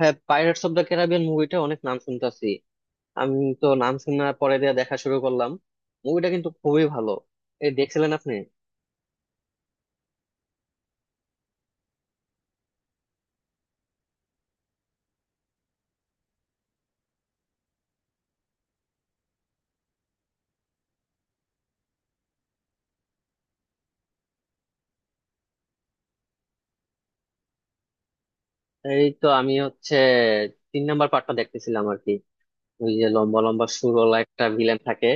হ্যাঁ, pirates of the Caribbean মুভিটা অনেক নাম শুনতাছি। আমি তো নাম শোনার পরে দিয়ে দেখা শুরু করলাম। মুভিটা কিন্তু খুবই ভালো। এই দেখছিলেন আপনি? এই তো আমি হচ্ছে তিন নাম্বার পার্টটা দেখতেছিলাম আর কি। ওই যে লম্বা লম্বা সুরওয়ালা একটা ভিলেন থাকে।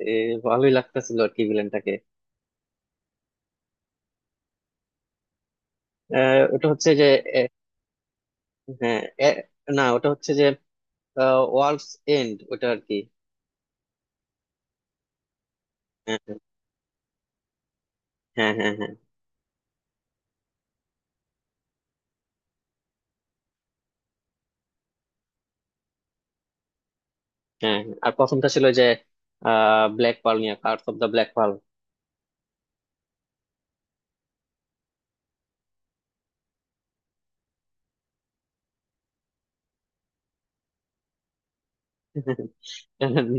এ, ভালোই লাগতেছিল আর কি ভিলেনটাকে। ওটা হচ্ছে যে এ, হ্যাঁ। এ, না, ওটা হচ্ছে যে ওয়ার্ল্ডস এন্ড ওটা আর কি। হ্যাঁ, হ্যাঁ, হ্যাঁ, হ্যাঁ, হ্যাঁ, হ্যাঁ। আর প্রথমটা ছিল যে ব্ল্যাক পার্ল নিয়ে, curse of the black pearl.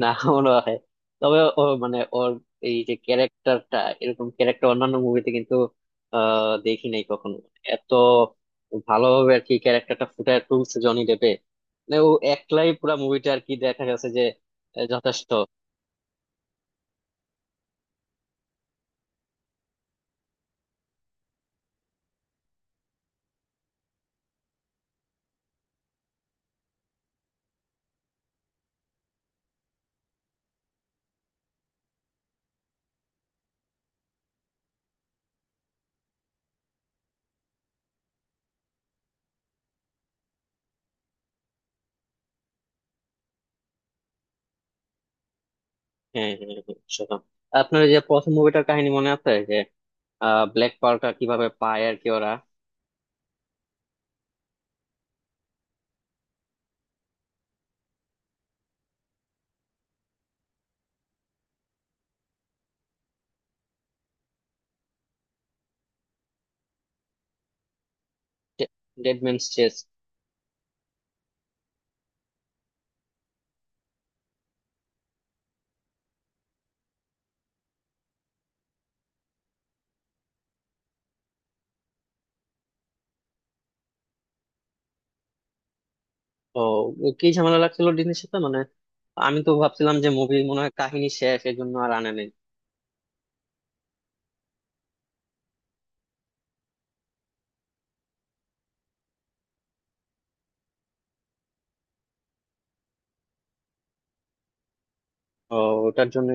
না মনে হয়। তবে ও মানে ওর এই যে ক্যারেক্টারটা, এরকম ক্যারেক্টার অন্যান্য মুভিতে কিন্তু দেখি নাই কখনো, এত ভালোভাবে আর কি ক্যারেক্টারটা ফুটায় তুলছে জনি ডেপে। মানে ও একলাই পুরো মুভিটা আর কি দেখা গেছে যে। যথেষ্ট। হ্যাঁ, হ্যাঁ, হ্যাঁ, সেরকম। আপনার ওই যে প্রথম মুভিটার কাহিনী মনে আছে যে ব্ল্যাক পার্কার কিভাবে পায় আর কি ওরা? ডেডম্যানস চেস? ও। কি ঝামেলা লাগছিল ডিনের সাথে মানে? আমি তো ভাবছিলাম যে মুভি মনে হয় কাহিনী শেষ, এই জন্য আর আনে নেই। ও। ওটার জন্য।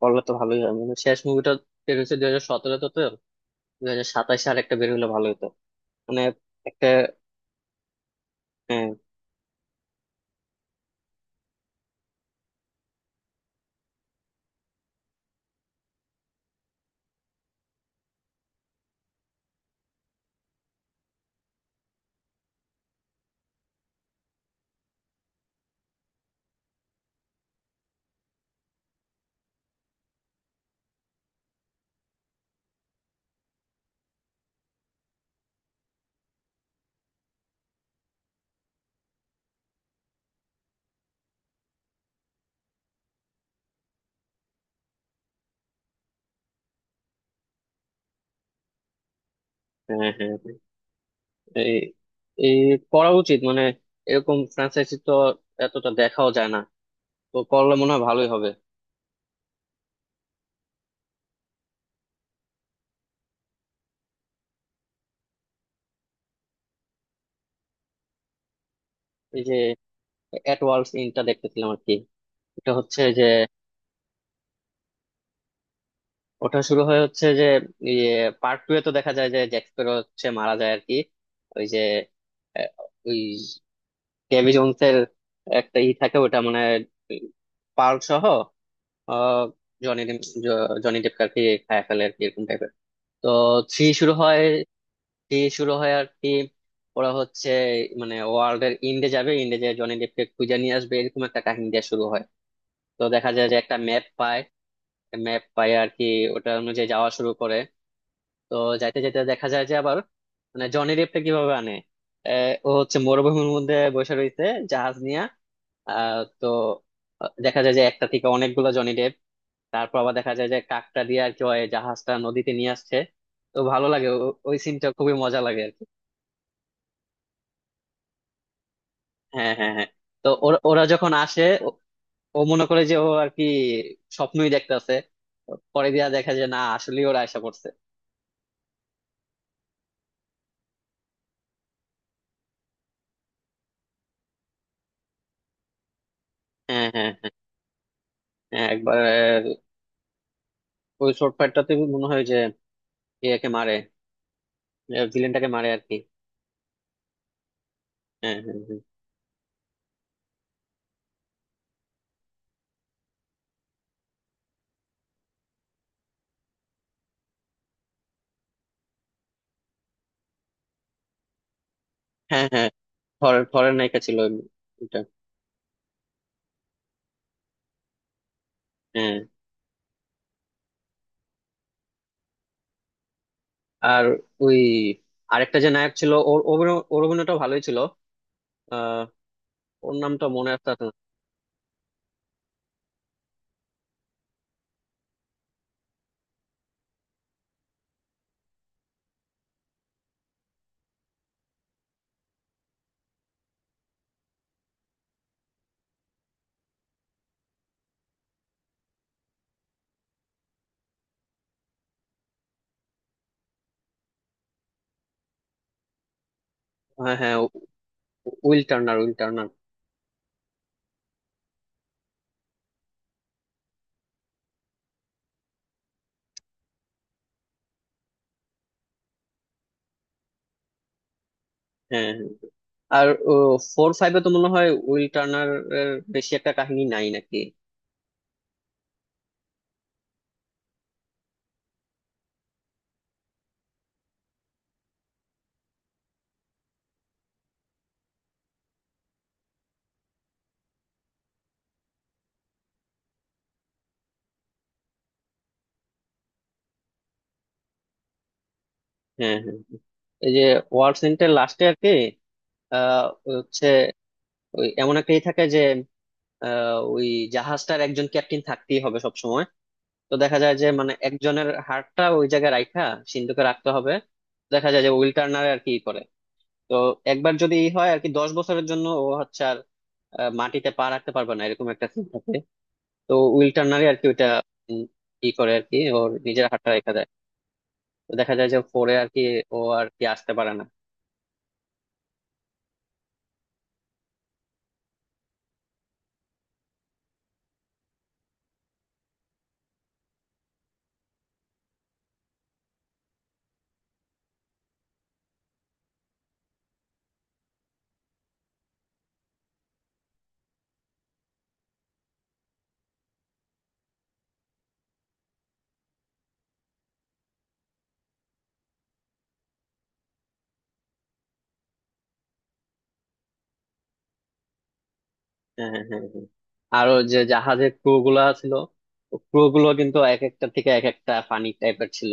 করলে তো ভালোই হয়, মানে শেষ মুভিটা বের হয়েছে 2017-তে তো। 2027-এ আর একটা বের হলে ভালো হতো। মানে একটা। হ্যাঁ, হ্যাঁ, হ্যাঁ, হ্যাঁ। এই এই করা উচিত মানে। এরকম ফ্র্যাঞ্চাইজি তো এতটা দেখাও যায় না। তো করলে মনে হয় ভালোই হবে। এই যে এট ওয়ার্ল্ডস ইনটা দেখতেছিলাম আর কি। এটা হচ্ছে যে, ওটা শুরু হয় হচ্ছে যে ইয়ে পার্ট টু এ তো দেখা যায় যে জ্যাক স্প্যারো হচ্ছে মারা যায় আর কি। ওই যে আহ, ওই কেভি জোনস এর একটা ই থাকে ওটা, মানে পার্ল সহ। আহ, জনি ডেপ, জনি ডেপকে আর কি খায় ফেলে আর কি এরকম টাইপের। তো থ্রি শুরু হয়। থ্রি শুরু হয় আর কি, ওরা হচ্ছে মানে ওয়ার্ল্ড এর ইন্ডে যাবে, ইন্ডে যে জনি ডেপকে খুঁজে নিয়ে আসবে, এরকম একটা কাহিনী দিয়ে শুরু হয়। তো দেখা যায় যে একটা ম্যাপ পায়। ম্যাপ পায় আর কি, ওটা অনুযায়ী যাওয়া শুরু করে। তো যাইতে যাইতে দেখা যায় যে আবার, মানে জনি রেপটা কিভাবে আনে। ও হচ্ছে মরুভূমির মধ্যে বসে রয়েছে জাহাজ নিয়ে। তো দেখা যায় যে একটা থেকে অনেকগুলো জনি ডেপ। তারপর আবার দেখা যায় যে কাকটা দিয়ে আর কি ওই জাহাজটা নদীতে নিয়ে আসছে। তো ভালো লাগে, ওই সিনটা খুবই মজা লাগে আর কি। হ্যাঁ, হ্যাঁ, হ্যাঁ। তো ওরা ওরা যখন আসে, ও ও মনে করে যে ও আর কি স্বপ্নই দেখতাছে। পরে দিয়া দেখা যায় না, আসলেই ওরা আশা করছে। হ্যাঁ, হ্যাঁ, হ্যাঁ। হ্যাঁ, একবার ওই শর্ট ফাইটটাতে মনে হয় যে একে মারে, ভিলেনটাকে মারে আর কি। হ্যাঁ হ্যাঁ, হ্যাঁ, হ্যাঁ। হ্যাঁ, ফরেন ফরেন নায়িকা ছিল ওটা। হ্যাঁ। আর ওই আরেকটা যে নায়ক ছিল, ওর অভিনয়, ওর অভিনয়টা ভালোই ছিল। আহ ওর নামটা মনে আসতেছে না। হ্যাঁ, হ্যাঁ, উইল টার্নার, উইল টার্নার। হ্যাঁ, হ্যাঁ, হ্যাঁ। আর ফোর ফাইভে তো মনে হয় উইল টার্নার এর বেশি একটা কাহিনী নাই নাকি। হ্যাঁ, হ্যাঁ, হ্যাঁ। এই যে ওয়ার সেন্টের লাস্টে আর কি, আহ হচ্ছে ওই এমন একটা ই থাকে যে ওই জাহাজটার একজন ক্যাপ্টেন থাকতেই হবে সব সময়। তো দেখা যায় যে মানে একজনের হাড়টা ওই জায়গায় রাখা, সিন্ধুকে রাখতে হবে। দেখা যায় যে উইল টার্নার আর কি ই করে। তো একবার যদি ই হয় আর কি, 10 বছরের জন্য ও হচ্ছে আর মাটিতে পা রাখতে পারবে না, এরকম একটা সিন থাকে। তো উইল টার্নারই আর কি ওইটা উম, ই করে আর কি, ওর নিজের হাড়টা রেখে দেয়। তো দেখা যায় যে পরে আর কি ও আর কি আসতে পারে না। হ্যাঁ, হ্যাঁ, হ্যাঁ, হ্যাঁ। আরো যে জাহাজের ক্রু গুলা ছিল, ক্রু গুলো কিন্তু এক একটা থেকে এক একটা ফানি টাইপের ছিল।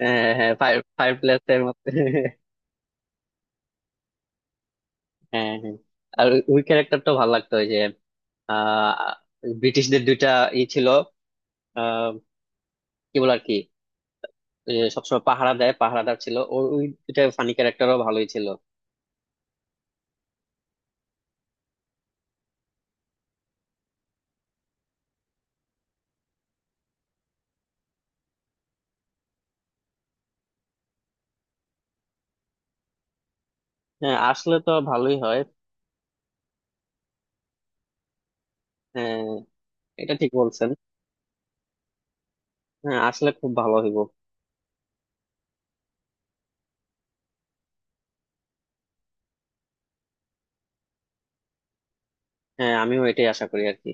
হ্যাঁ, হ্যাঁ, ফায়ার ফায়ার প্লেসের মধ্যে। হ্যাঁ, হ্যাঁ। আর ওই ক্যারেক্টারটা ভালো লাগতো, ওই যে আহ ব্রিটিশদের দুইটা ই ছিল, আহ কি বলে আর কি, ওই যে সবসময় পাহারা দেয়, পাহারাদার ছিল, ওর ওই দুইটা ফানি ক্যারেক্টারও ভালোই ছিল। হ্যাঁ, আসলে তো ভালোই হয়। হ্যাঁ, এটা ঠিক বলছেন। হ্যাঁ, আসলে খুব ভালো হইব। হ্যাঁ, আমিও এটাই আশা করি আর কি।